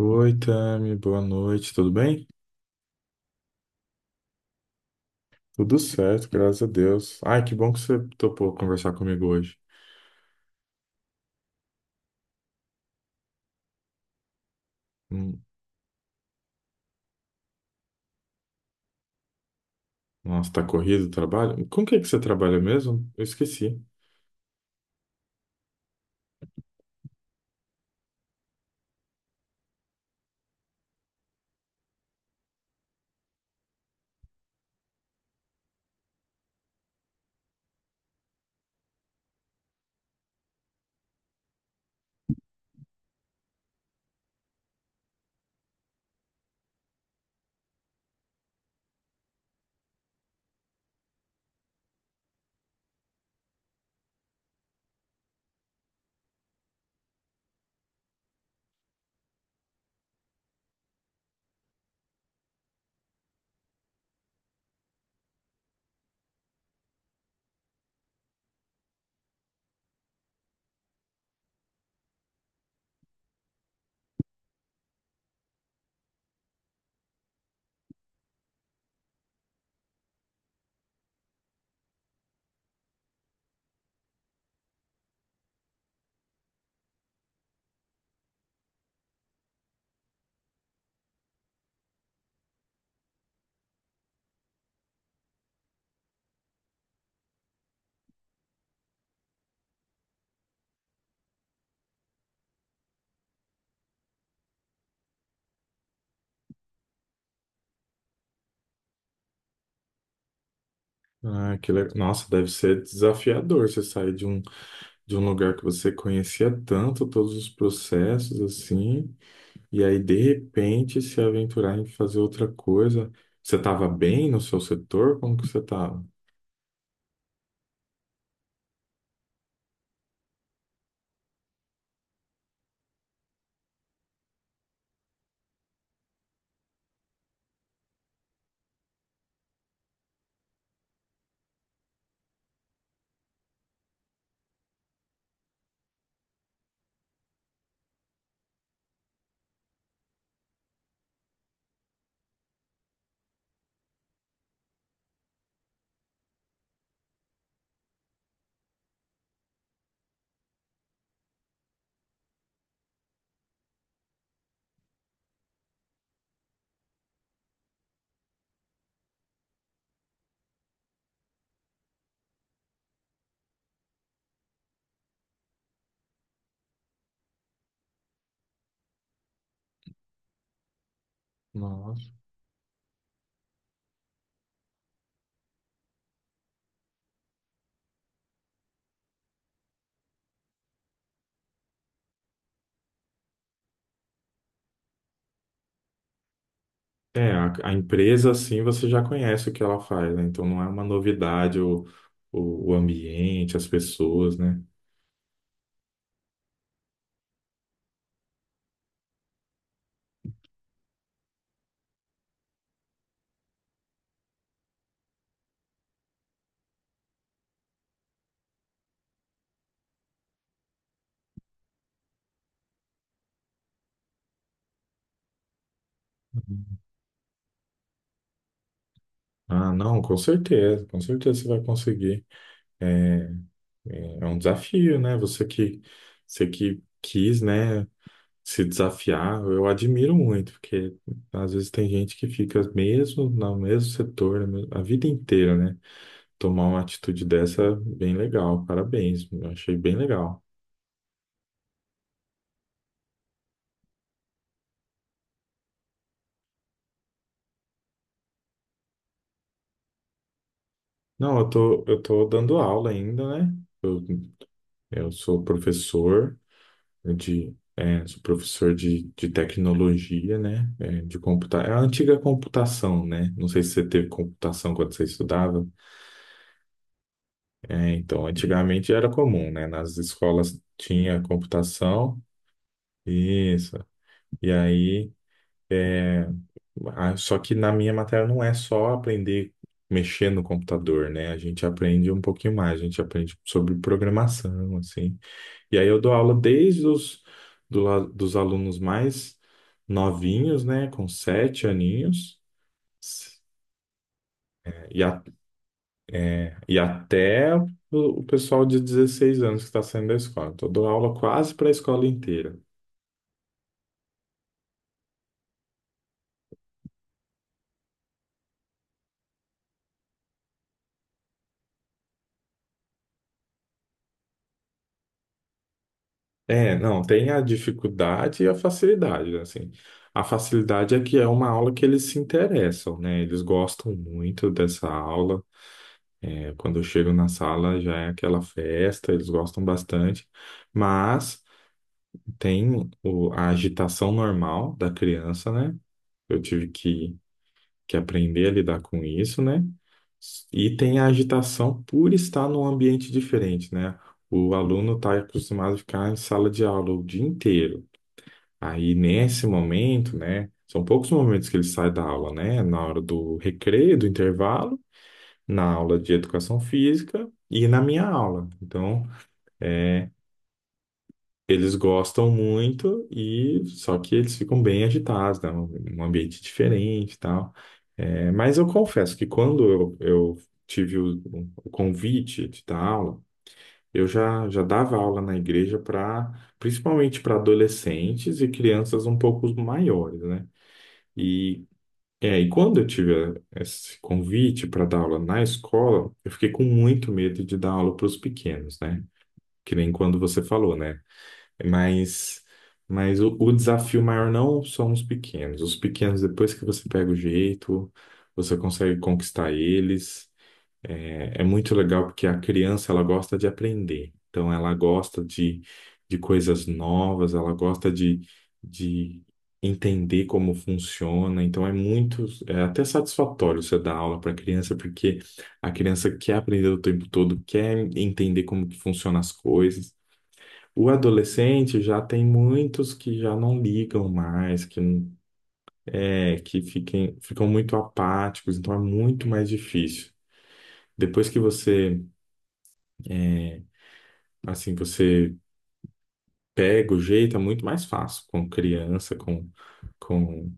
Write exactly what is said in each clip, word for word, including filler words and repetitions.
Oi, Tami, boa noite, tudo bem? Tudo certo, graças a Deus. Ai, que bom que você topou conversar comigo hoje. Hum. Nossa, tá corrido o trabalho? Com o que que você trabalha mesmo? Eu esqueci. Ah, que legal. Nossa, deve ser desafiador você sair de um, de um lugar que você conhecia tanto, todos os processos, assim, e aí, de repente, se aventurar em fazer outra coisa. Você estava bem no seu setor? Como que você estava? É, a, a empresa, assim, você já conhece o que ela faz, né? Então não é uma novidade o, o, o ambiente, as pessoas, né? Ah, não, com certeza, com certeza você vai conseguir. É, é é um desafio, né? Você que, você que quis, né, se desafiar, eu admiro muito, porque às vezes tem gente que fica mesmo no mesmo setor a vida inteira, né? Tomar uma atitude dessa, é bem legal, parabéns, eu achei bem legal. Não, eu tô, eu tô dando aula ainda, né? Eu, eu sou professor de, é, sou professor de, de tecnologia, né? É, de computa... É a antiga computação, né? Não sei se você teve computação quando você estudava. É, então, antigamente era comum, né? Nas escolas tinha computação, isso. E aí, é, ah, só que na minha matéria não é só aprender mexer no computador, né? A gente aprende um pouquinho mais, a gente aprende sobre programação, assim. E aí eu dou aula desde os do la- dos alunos mais novinhos, né, com sete aninhos, e, a- é, e até o, o pessoal de dezesseis anos que está saindo da escola. Então, eu dou aula quase para a escola inteira. É, não, tem a dificuldade e a facilidade, né, assim. A facilidade é que é uma aula que eles se interessam, né? Eles gostam muito dessa aula. É, quando eu chego na sala já é aquela festa, eles gostam bastante. Mas tem o, a agitação normal da criança, né? Eu tive que, que aprender a lidar com isso, né? E tem a agitação por estar num ambiente diferente, né? O aluno está acostumado a ficar em sala de aula o dia inteiro. Aí, nesse momento, né? São poucos momentos que ele sai da aula, né? Na hora do recreio, do intervalo, na aula de educação física e na minha aula. Então, é, Eles gostam muito e só que eles ficam bem agitados, né? Um ambiente diferente e tal. É, mas eu confesso que quando eu, eu tive o, o convite de dar aula, eu já, já dava aula na igreja para, principalmente para adolescentes e crianças um pouco maiores, né? E, é, e quando eu tive esse convite para dar aula na escola, eu fiquei com muito medo de dar aula para os pequenos, né? Que nem quando você falou, né? Mas, mas o, o desafio maior não são os pequenos. Os pequenos, depois que você pega o jeito, você consegue conquistar eles. É, é muito legal porque a criança, ela gosta de aprender. Então, ela gosta de, de coisas novas, ela gosta de, de entender como funciona. Então, é muito, é até satisfatório você dar aula para a criança, porque a criança quer aprender o tempo todo, quer entender como que funcionam as coisas. O adolescente já tem muitos que já não ligam mais, que é, que fiquem, ficam muito apáticos, então é muito mais difícil. Depois que você, assim, você pega o jeito, é muito mais fácil com criança, com, com,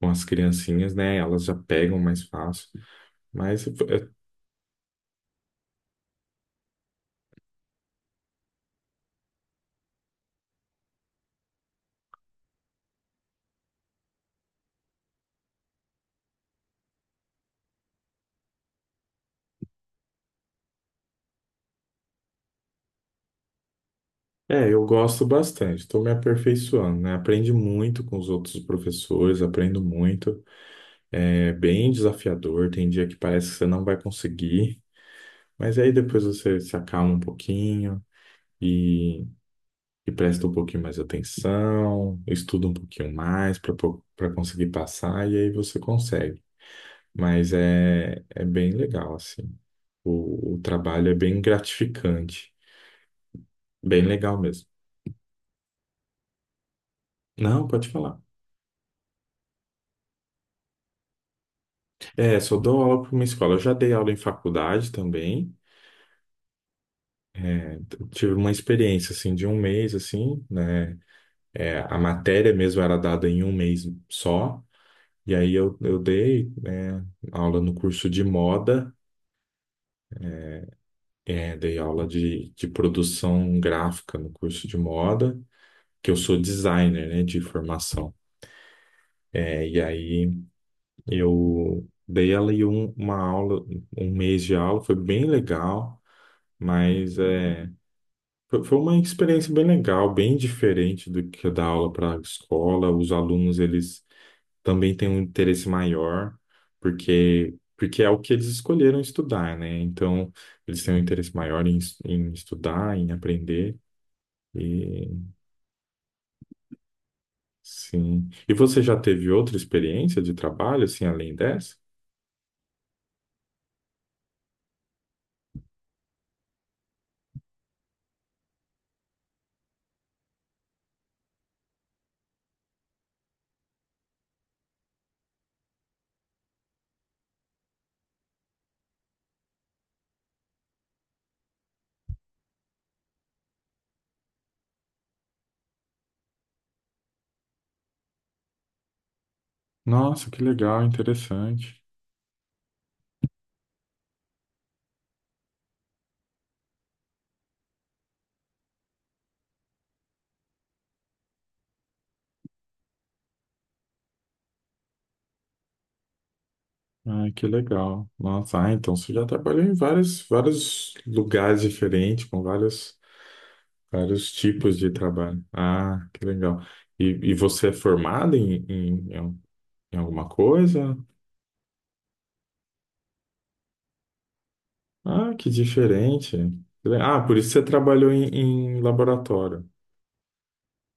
com as criancinhas, né? Elas já pegam mais fácil. Mas é, é, eu gosto bastante, estou me aperfeiçoando, né? Aprendi muito com os outros professores, aprendo muito. É bem desafiador, tem dia que parece que você não vai conseguir. Mas aí depois você se acalma um pouquinho e, e presta um pouquinho mais atenção, estuda um pouquinho mais para para conseguir passar e aí você consegue. Mas é, é bem legal, assim. O, o trabalho é bem gratificante, bem legal mesmo. Não, pode falar. É, só dou aula para uma escola. Eu já dei aula em faculdade também. É, tive uma experiência assim de um mês assim, né? É, a matéria mesmo era dada em um mês só. E aí eu, eu dei, né, aula no curso de moda, é, dei aula de, de produção gráfica no curso de moda, que eu sou designer, né, de formação. É, e aí eu dei ali um- uma aula, um mês de aula, foi bem legal, mas é, foi foi uma experiência bem legal, bem diferente do que dar aula para a escola. Os alunos, eles também tem um interesse maior, porque, porque é o que eles escolheram estudar, né? Então, eles têm um interesse maior em, es- em estudar, em aprender, e sim. E você já teve outra experiência de trabalho, assim, além dessa? Nossa, que legal, interessante. Ai, que legal. Nossa, ah, então você já trabalhou em vários, vários lugares diferentes, com vários, vários tipos de trabalho. Ah, que legal. E, e você é formada em, em, em alguma coisa? Ah, que diferente. Ah, por isso você trabalhou em, em laboratório.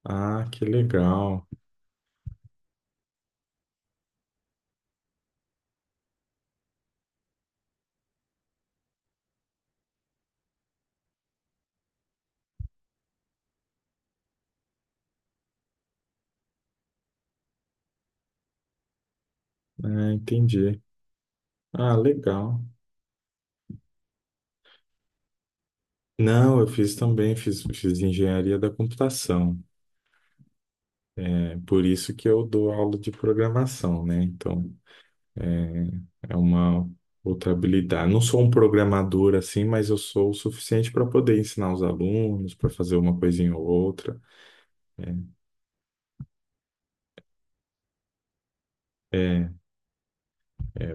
Ah, que legal. É, entendi. Ah, legal. Não, eu fiz também, fiz, fiz engenharia da computação. É por isso que eu dou aula de programação, né? Então, é é uma outra habilidade. Não sou um programador assim, mas eu sou o suficiente para poder ensinar os alunos, para fazer uma coisinha ou outra. É,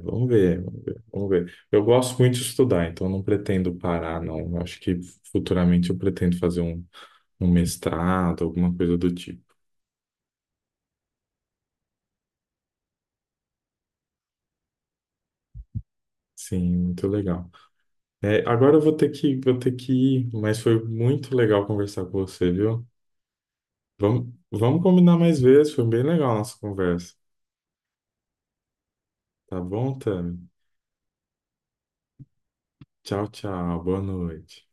vamos ver, vamos ver, vamos ver. Eu gosto muito de estudar, então eu não pretendo parar, não. Eu acho que futuramente eu pretendo fazer um, um mestrado, alguma coisa do tipo. Sim, muito legal. É, agora eu vou ter que, vou ter que ir, mas foi muito legal conversar com você, viu? Vamos, vamos combinar mais vezes, foi bem legal a nossa conversa. Tá bom, Tami? Tchau, tchau, boa noite.